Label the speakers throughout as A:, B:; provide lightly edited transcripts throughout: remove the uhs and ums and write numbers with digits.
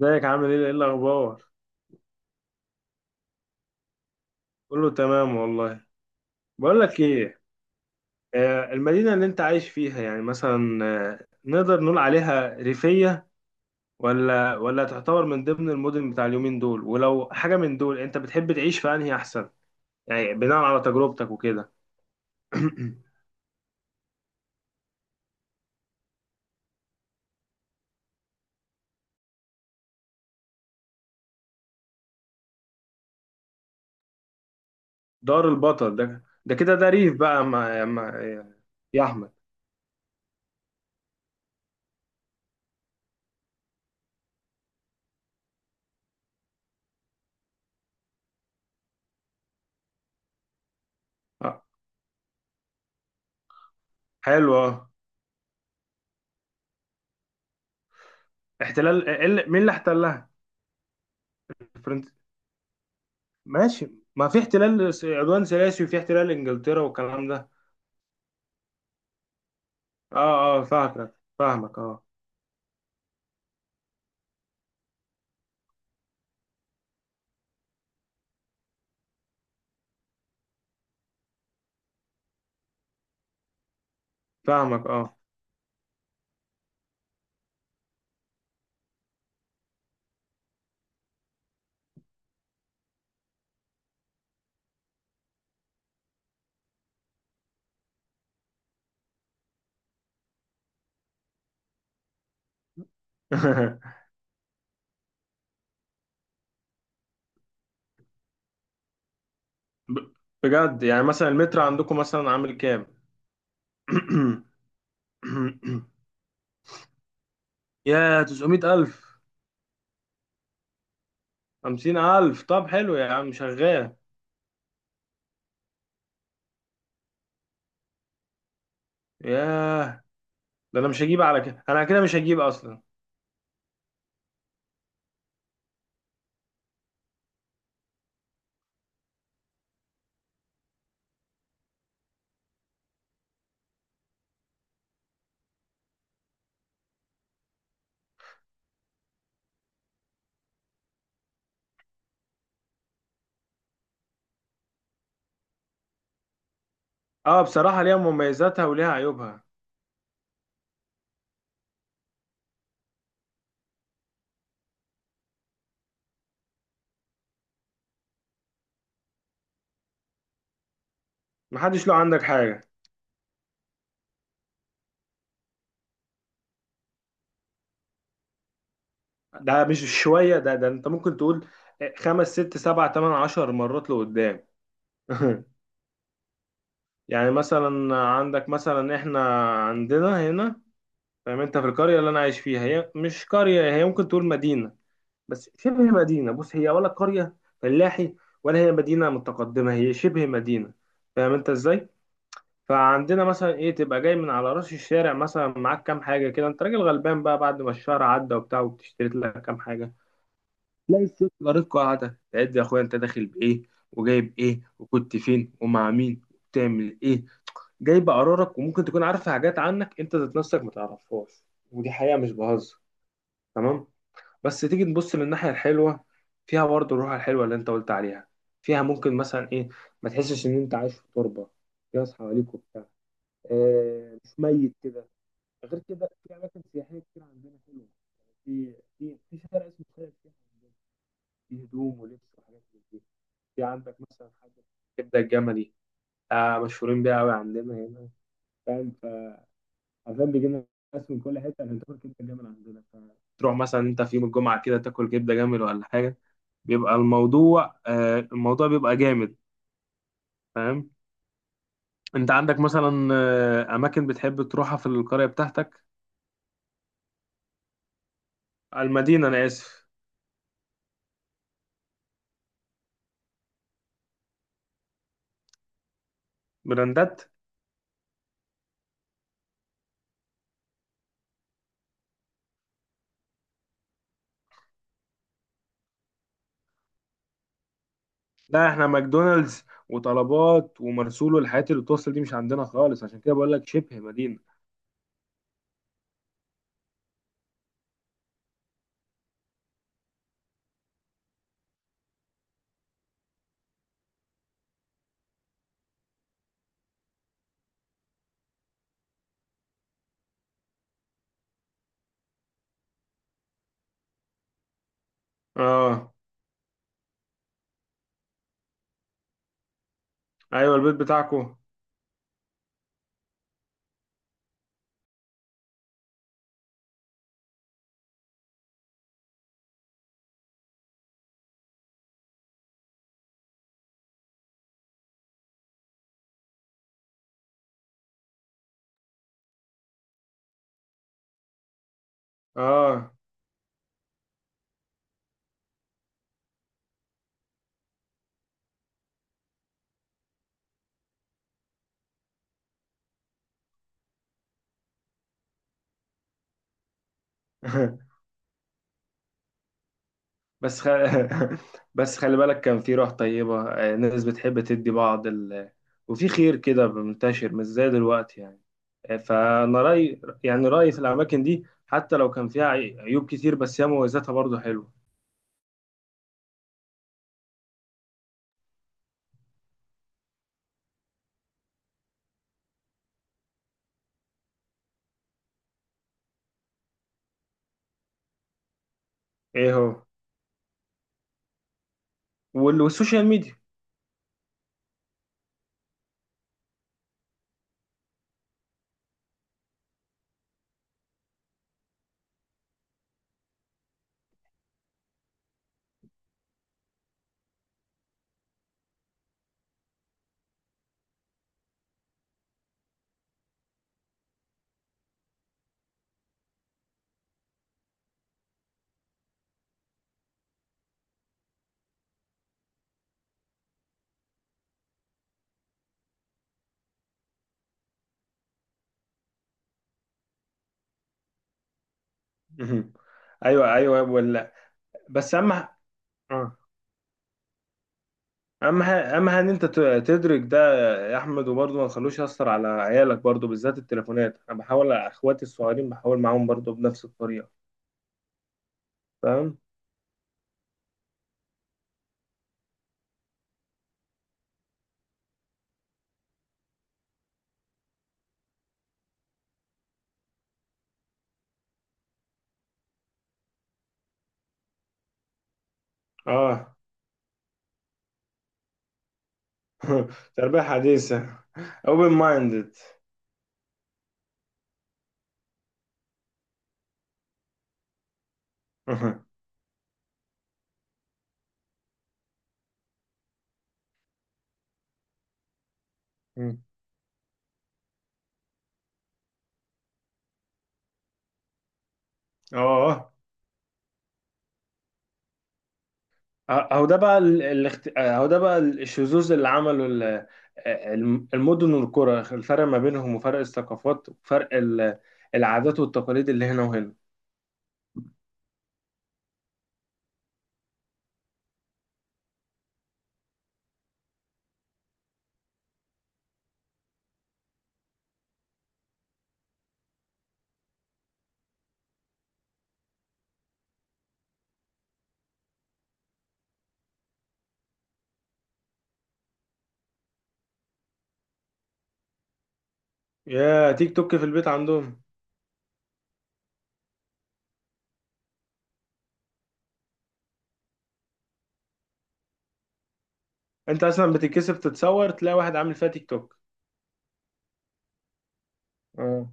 A: ازيك عامل ايه؟ ايه الاخبار؟ قول له تمام والله. بقول لك ايه. المدينه اللي انت عايش فيها يعني مثلا، نقدر نقول عليها ريفيه ولا تعتبر من ضمن المدن بتاع اليومين دول؟ ولو حاجه من دول انت بتحب تعيش في انهي احسن، يعني بناء على تجربتك وكده؟ دار البطل ده؟ ده كده ده ريف بقى، ما يا احمد؟ آه، حلو، اه. احتلال؟ آه، مين اللي احتلها؟ الفرنس؟ ماشي. ما في احتلال عدوان ثلاثي، وفي احتلال انجلترا والكلام ده. اه، اه فاهمك، فاهمك اه، فاهمك اه. ب- بجد؟ يعني مثلا المتر عندكم مثلا عامل كام؟ يا 900,000؟ 50,000؟ طب حلو يا عم، شغال. ياه، ده انا مش هجيب على كده، انا كده مش هجيب اصلا. اه، بصراحة ليها مميزاتها وليها عيوبها. محدش له عندك حاجة. ده مش شوية، ده انت ممكن تقول خمس، ست، سبع، تمن، عشر مرات لقدام. يعني مثلا عندك، مثلا احنا عندنا هنا، فاهم انت؟ في القريه اللي انا عايش فيها، هي مش قريه، هي ممكن تقول مدينه، بس شبه مدينه. بص، هي ولا قريه فلاحي ولا هي مدينه متقدمه، هي شبه مدينه، فاهم انت ازاي؟ فعندنا مثلا ايه، تبقى جاي من على راس الشارع مثلا معاك كام حاجه كده، انت راجل غلبان بقى بعد ما الشهر عدى وبتاع، وبتشتري لك كام حاجه، تلاقي الست جارتكوا قاعده تعد، يا اخويا انت داخل بايه، وجايب ايه، وكنت فين، ومع مين، وبتعمل ايه، جايبه قرارك، وممكن تكون عارفه حاجات عنك انت ذات نفسك ما تعرفهاش. ودي حقيقه مش بهزر. تمام. بس تيجي تبص للناحية الحلوة، فيها برضه الروح الحلوة اللي انت قلت عليها. فيها ممكن مثلا ايه، ما تحسش ان انت عايش في تربة، في ناس حواليك وبتاع، آه مش ميت كده. غير كده في اماكن سياحية كتير عندنا حلوة، في في شارع اسمه شارع السياحة عندنا، في هدوم ولبس وحاجات من دي. في عندك مثلا حاجة كبدة الجملي، آه مشهورين بيها قوي عندنا هنا، فاهم؟ فعشان بيجي لنا ناس من كل حتة عشان تاكل كبدة الجمل عندنا، فتروح مثلا انت في يوم الجمعة كده، تاكل كبدة جمل ولا حاجة، بيبقى الموضوع، آه، الموضوع بيبقى جامد، فاهم؟ انت عندك مثلا، آه، اماكن بتحب تروحها في القرية بتاعتك؟ المدينة، انا اسف. براندات. لا احنا ماكدونالدز وطلبات ومرسول والحاجات اللي بتوصل دي مش عندنا خالص، عشان كده بقول لك شبه مدينة. اه. ايوه، البيت بتاعكو. اه. بس خ... بس خلي بالك، كان في روح طيبة، آه، ناس بتحب تدي بعض وفي خير كده منتشر، مش زي دلوقتي يعني. آه، فأنا رأيي، يعني رأيي في الأماكن دي، حتى لو كان فيها عيوب كتير، بس هي مميزاتها برضه حلوة. إيه هو؟ والسوشيال ميديا. مهم. أيوه أيوه ولا، بس أهم ح- آه. أهم حاجة إن أنت تدرك ده يا أحمد. وبرضه ما تخلوش يأثر على عيالك برضه، بالذات التليفونات. أنا بحاول على إخواتي الصغيرين، بحاول معاهم برضه بنفس الطريقة، فاهم؟ اه. تربية حديثة. open minded. اه. اهو ده بقى اهو ده بقى الشذوذ اللي عمله المدن والقرى، الفرق ما بينهم، وفرق الثقافات، وفرق العادات والتقاليد اللي هنا وهنا. يا تيك توك في البيت عندهم! انت اصلا بتتكسف تتصور، تلاقي واحد عامل فيها تيك توك. اه.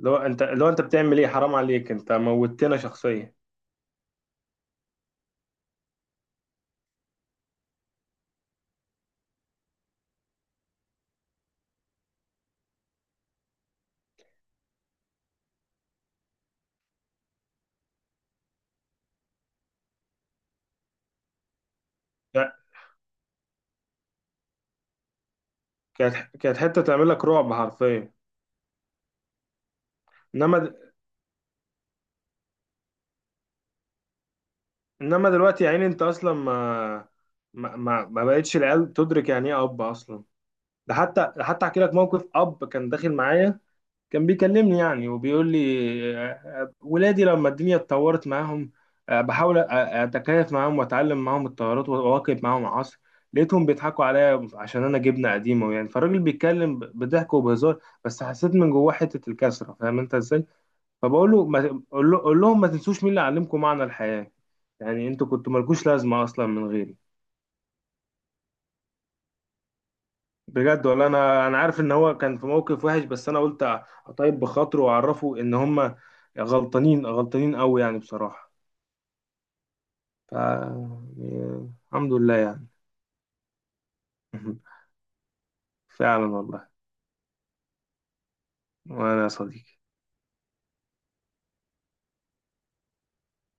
A: لو انت، لو انت بتعمل ايه؟ حرام عليك، انت موتنا شخصيا. لا، كانت، كانت حتة تعمل لك رعب حرفيا. انما، انما دلوقتي يا عيني، انت اصلا ما بقتش العيال تدرك يعني ايه اب اصلا. ده حتى، ده حتى احكي لك موقف اب كان داخل معايا، كان بيكلمني يعني وبيقول لي، آه، آه، ولادي لما الدنيا اتطورت معاهم، آه، بحاول اتكيف معاهم واتعلم معاهم التغيرات واواكب معاهم العصر، لقيتهم بيضحكوا عليا عشان انا جبنه قديمه يعني. فالراجل بيتكلم بضحك وبهزار، بس حسيت من جواه حته الكسره، فاهم انت ازاي؟ فبقول له، ما قول له- قول لهم ما تنسوش مين اللي علمكم معنى الحياة، يعني انتوا كنتوا مالكوش لازمة اصلا من غيري. بجد، ولا انا، انا عارف ان هو كان في موقف وحش، بس انا قلت اطيب بخاطره، واعرفه ان هم غلطانين، غلطانين قوي يعني بصراحة. ف يعني الحمد لله يعني. فعلا والله. وانا يا صديقي.